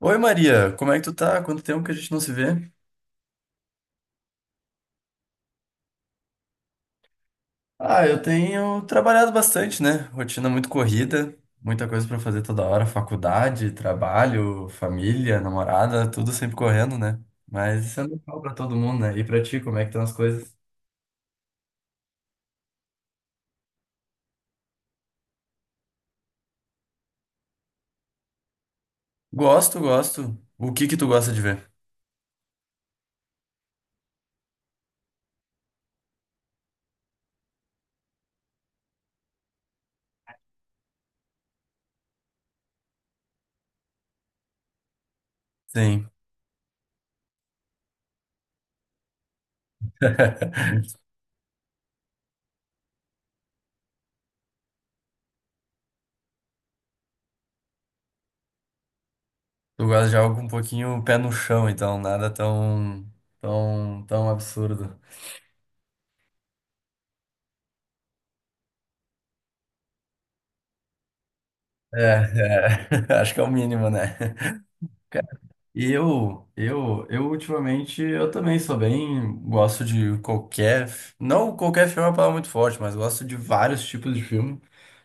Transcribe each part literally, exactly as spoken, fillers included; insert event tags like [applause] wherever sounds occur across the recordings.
Oi Maria, como é que tu tá? Quanto tempo que a gente não se vê? Ah, eu tenho trabalhado bastante, né? Rotina muito corrida, muita coisa pra fazer toda hora, faculdade, trabalho, família, namorada, tudo sempre correndo, né? Mas isso é normal pra todo mundo, né? E pra ti, como é que estão as coisas? Gosto, gosto. O que que tu gosta de ver? Sim. [laughs] Tu gosta de algo um pouquinho pé no chão, então nada tão tão tão absurdo. É, é. [laughs] Acho que é o mínimo, né? E eu, eu, eu ultimamente, eu também sou bem, gosto de qualquer, não qualquer filme é uma palavra muito forte, mas gosto de vários tipos de filme,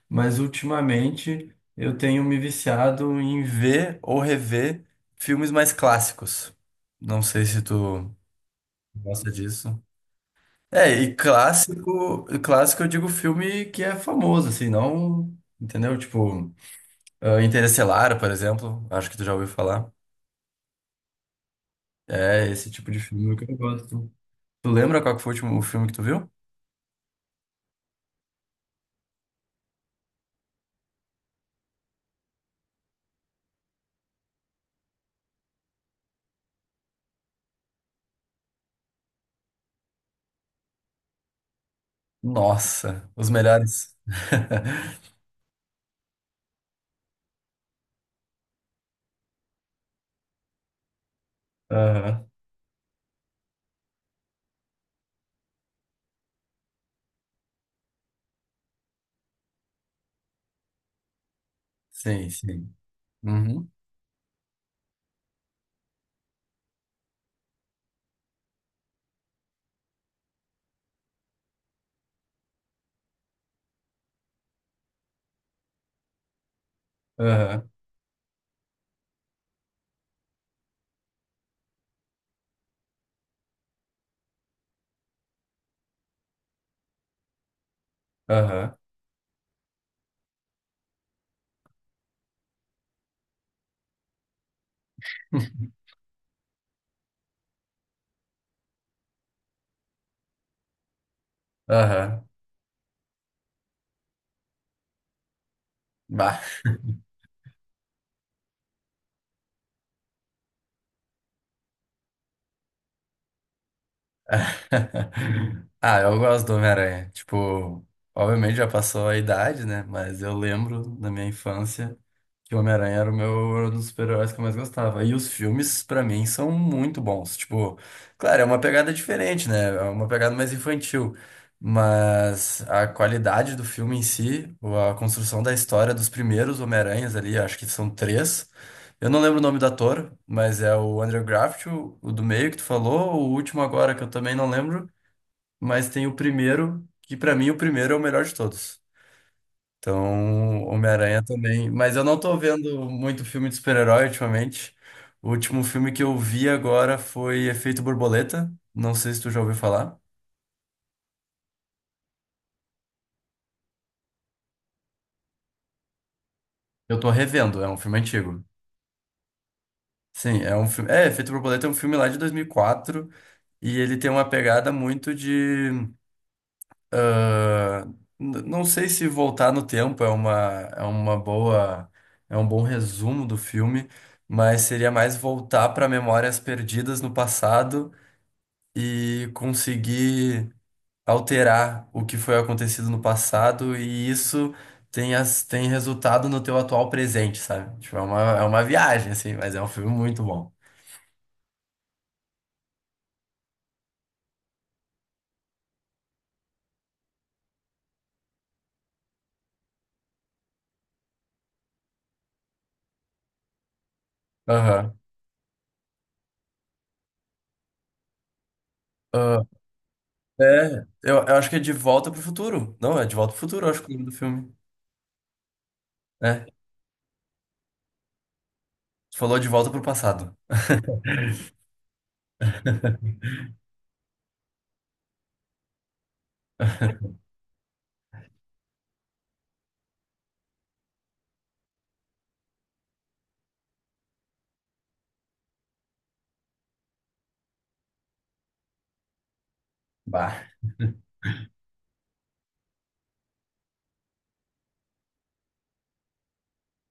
mas ultimamente eu tenho me viciado em ver ou rever filmes mais clássicos. Não sei se tu gosta disso. É, e clássico, clássico eu digo filme que é famoso, assim, não, entendeu? Tipo, ah, Interestelar, por exemplo, acho que tu já ouviu falar. É esse tipo de filme que eu gosto. Tu lembra qual que foi o último filme que tu viu? Nossa, os melhores. [laughs] Aham. Sim, sim. Uhum. Aham. Aham. Aham. Bah. [laughs] Ah, eu gosto do Homem-Aranha. Tipo, obviamente já passou a idade, né? Mas eu lembro da minha infância que o Homem-Aranha era o meu era um dos super-heróis que eu mais gostava. E os filmes, pra mim, são muito bons. Tipo, claro, é uma pegada diferente, né? É uma pegada mais infantil. Mas a qualidade do filme em si, ou a construção da história dos primeiros Homem-Aranhas ali, acho que são três. Eu não lembro o nome do ator, mas é o Andrew Garfield, o do meio que tu falou, o último agora que eu também não lembro, mas tem o primeiro, que pra mim o primeiro é o melhor de todos. Então, Homem-Aranha também. Mas eu não tô vendo muito filme de super-herói ultimamente. O último filme que eu vi agora foi Efeito Borboleta. Não sei se tu já ouviu falar. Eu tô revendo, é um filme antigo. Sim, é um filme. É, Efeito Borboleta é um filme lá de dois mil e quatro e quatro e ele tem uma pegada muito de, ah, n- não sei se voltar no tempo é uma, é uma boa, é um bom resumo do filme, mas seria mais voltar para memórias perdidas no passado e conseguir alterar o que foi acontecido no passado e isso tem, as, tem resultado no teu atual presente, sabe? Tipo, é uma, é uma viagem, assim, mas é um filme muito bom. Aham. Ah, é, eu, eu acho que é De Volta pro Futuro. Não, é De Volta pro Futuro, eu acho que é o nome do filme, né? Tu falou de volta pro passado. [laughs] Bah.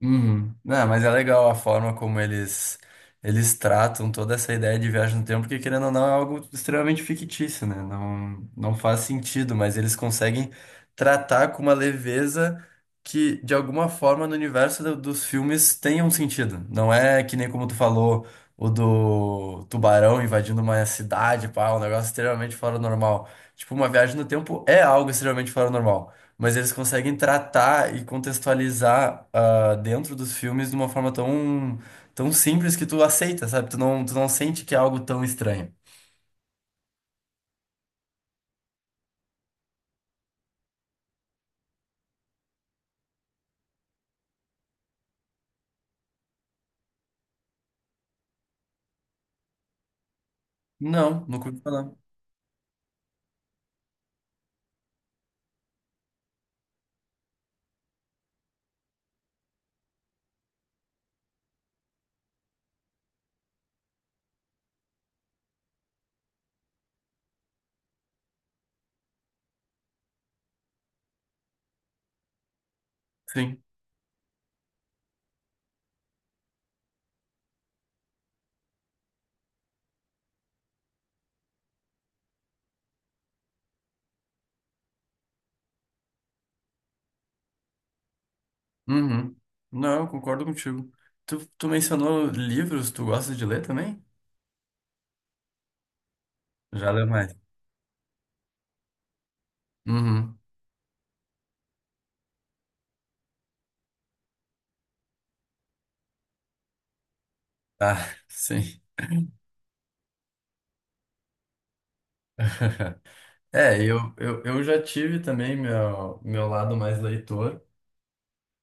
Uhum. Não, mas é legal a forma como eles eles tratam toda essa ideia de viagem no tempo, porque querendo ou não é algo extremamente fictício, né? Não, não faz sentido, mas eles conseguem tratar com uma leveza que de alguma forma no universo do- dos filmes tem um sentido. Não é que nem como tu falou, o do tubarão invadindo uma cidade, pá, um negócio extremamente fora do normal. Tipo, uma viagem no tempo é algo extremamente fora do normal. Mas eles conseguem tratar e contextualizar, ah, dentro dos filmes de uma forma tão, tão simples que tu aceita, sabe? Tu não, tu não sente que é algo tão estranho. Não, nunca ouvi falar. Sim. Uhum. Não, eu concordo contigo. Tu, tu mencionou livros, tu gosta de ler também? Já leu mais. Uhum. Ah, sim. [laughs] É, eu, eu, eu já tive também meu, meu lado mais leitor.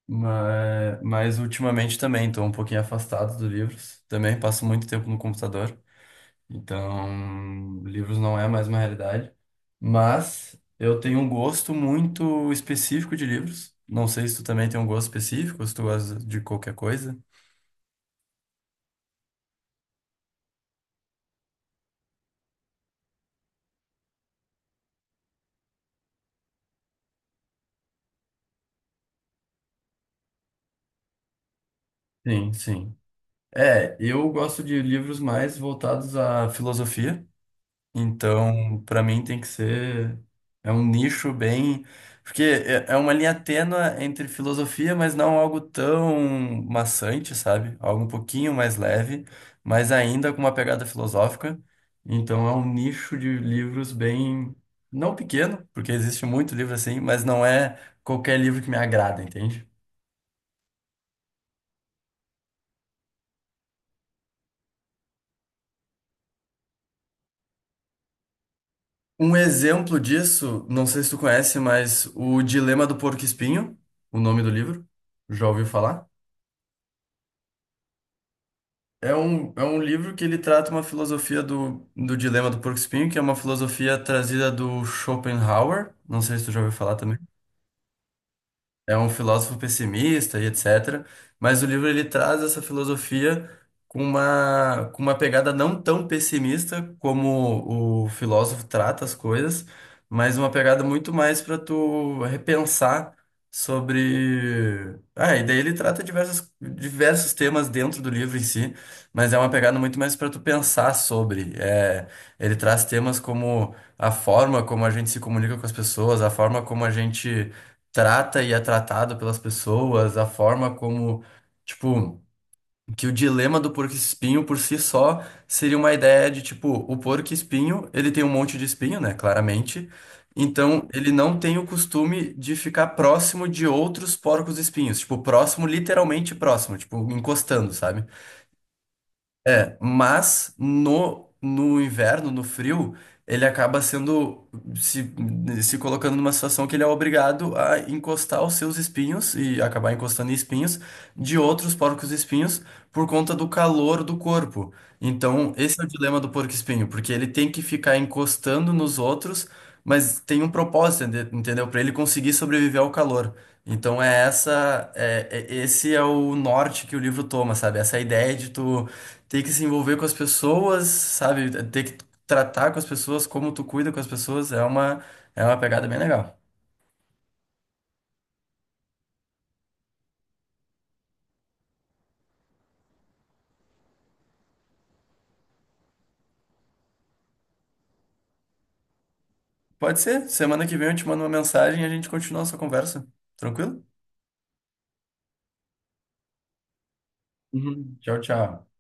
Mas, mas ultimamente também estou um pouquinho afastado dos livros. Também passo muito tempo no computador. Então, livros não é mais uma realidade. Mas eu tenho um gosto muito específico de livros. Não sei se tu também tem um gosto específico, se tu gosta de qualquer coisa. Sim, sim. É, eu gosto de livros mais voltados à filosofia. Então, para mim tem que ser, é um nicho bem, porque é é uma linha tênue entre filosofia, mas não algo tão maçante, sabe? Algo um pouquinho mais leve, mas ainda com uma pegada filosófica. Então, é um nicho de livros bem, não pequeno, porque existe muito livro assim, mas não é qualquer livro que me agrada, entende? Um exemplo disso, não sei se tu conhece, mas o Dilema do Porco-Espinho, o nome do livro, já ouviu falar? É um, é um livro que ele trata uma filosofia do, do dilema do porco-espinho, que é uma filosofia trazida do Schopenhauer. Não sei se tu já ouviu falar também, é um filósofo pessimista e et cetera. Mas o livro ele traz essa filosofia com uma, com uma pegada não tão pessimista como o filósofo trata as coisas, mas uma pegada muito mais para tu repensar sobre. Ah, e daí ele trata diversos, diversos temas dentro do livro em si, mas é uma pegada muito mais para tu pensar sobre. É, ele traz temas como a forma como a gente se comunica com as pessoas, a forma como a gente trata e é tratado pelas pessoas, a forma como, tipo, que o dilema do porco-espinho por si só seria uma ideia de, tipo, o porco-espinho, ele tem um monte de espinho, né, claramente. Então, ele não tem o costume de ficar próximo de outros porcos-espinhos, tipo, próximo, literalmente próximo, tipo, encostando, sabe? É, mas no, no inverno, no frio, ele acaba sendo se, se colocando numa situação que ele é obrigado a encostar os seus espinhos e acabar encostando em espinhos de outros porcos-espinhos por conta do calor do corpo. Então, esse é o dilema do porco-espinho, porque ele tem que ficar encostando nos outros, mas tem um propósito, ente- entendeu? Para ele conseguir sobreviver ao calor. Então é essa, é, é- esse é o norte que o livro toma, sabe? Essa ideia de tu tem que se envolver com as pessoas, sabe? Ter que tratar com as pessoas, como tu cuida com as pessoas, é uma, é uma pegada bem legal. Pode ser, semana que vem eu te mando uma mensagem e a gente continua essa conversa. Tranquilo? Uhum. Tchau, tchau.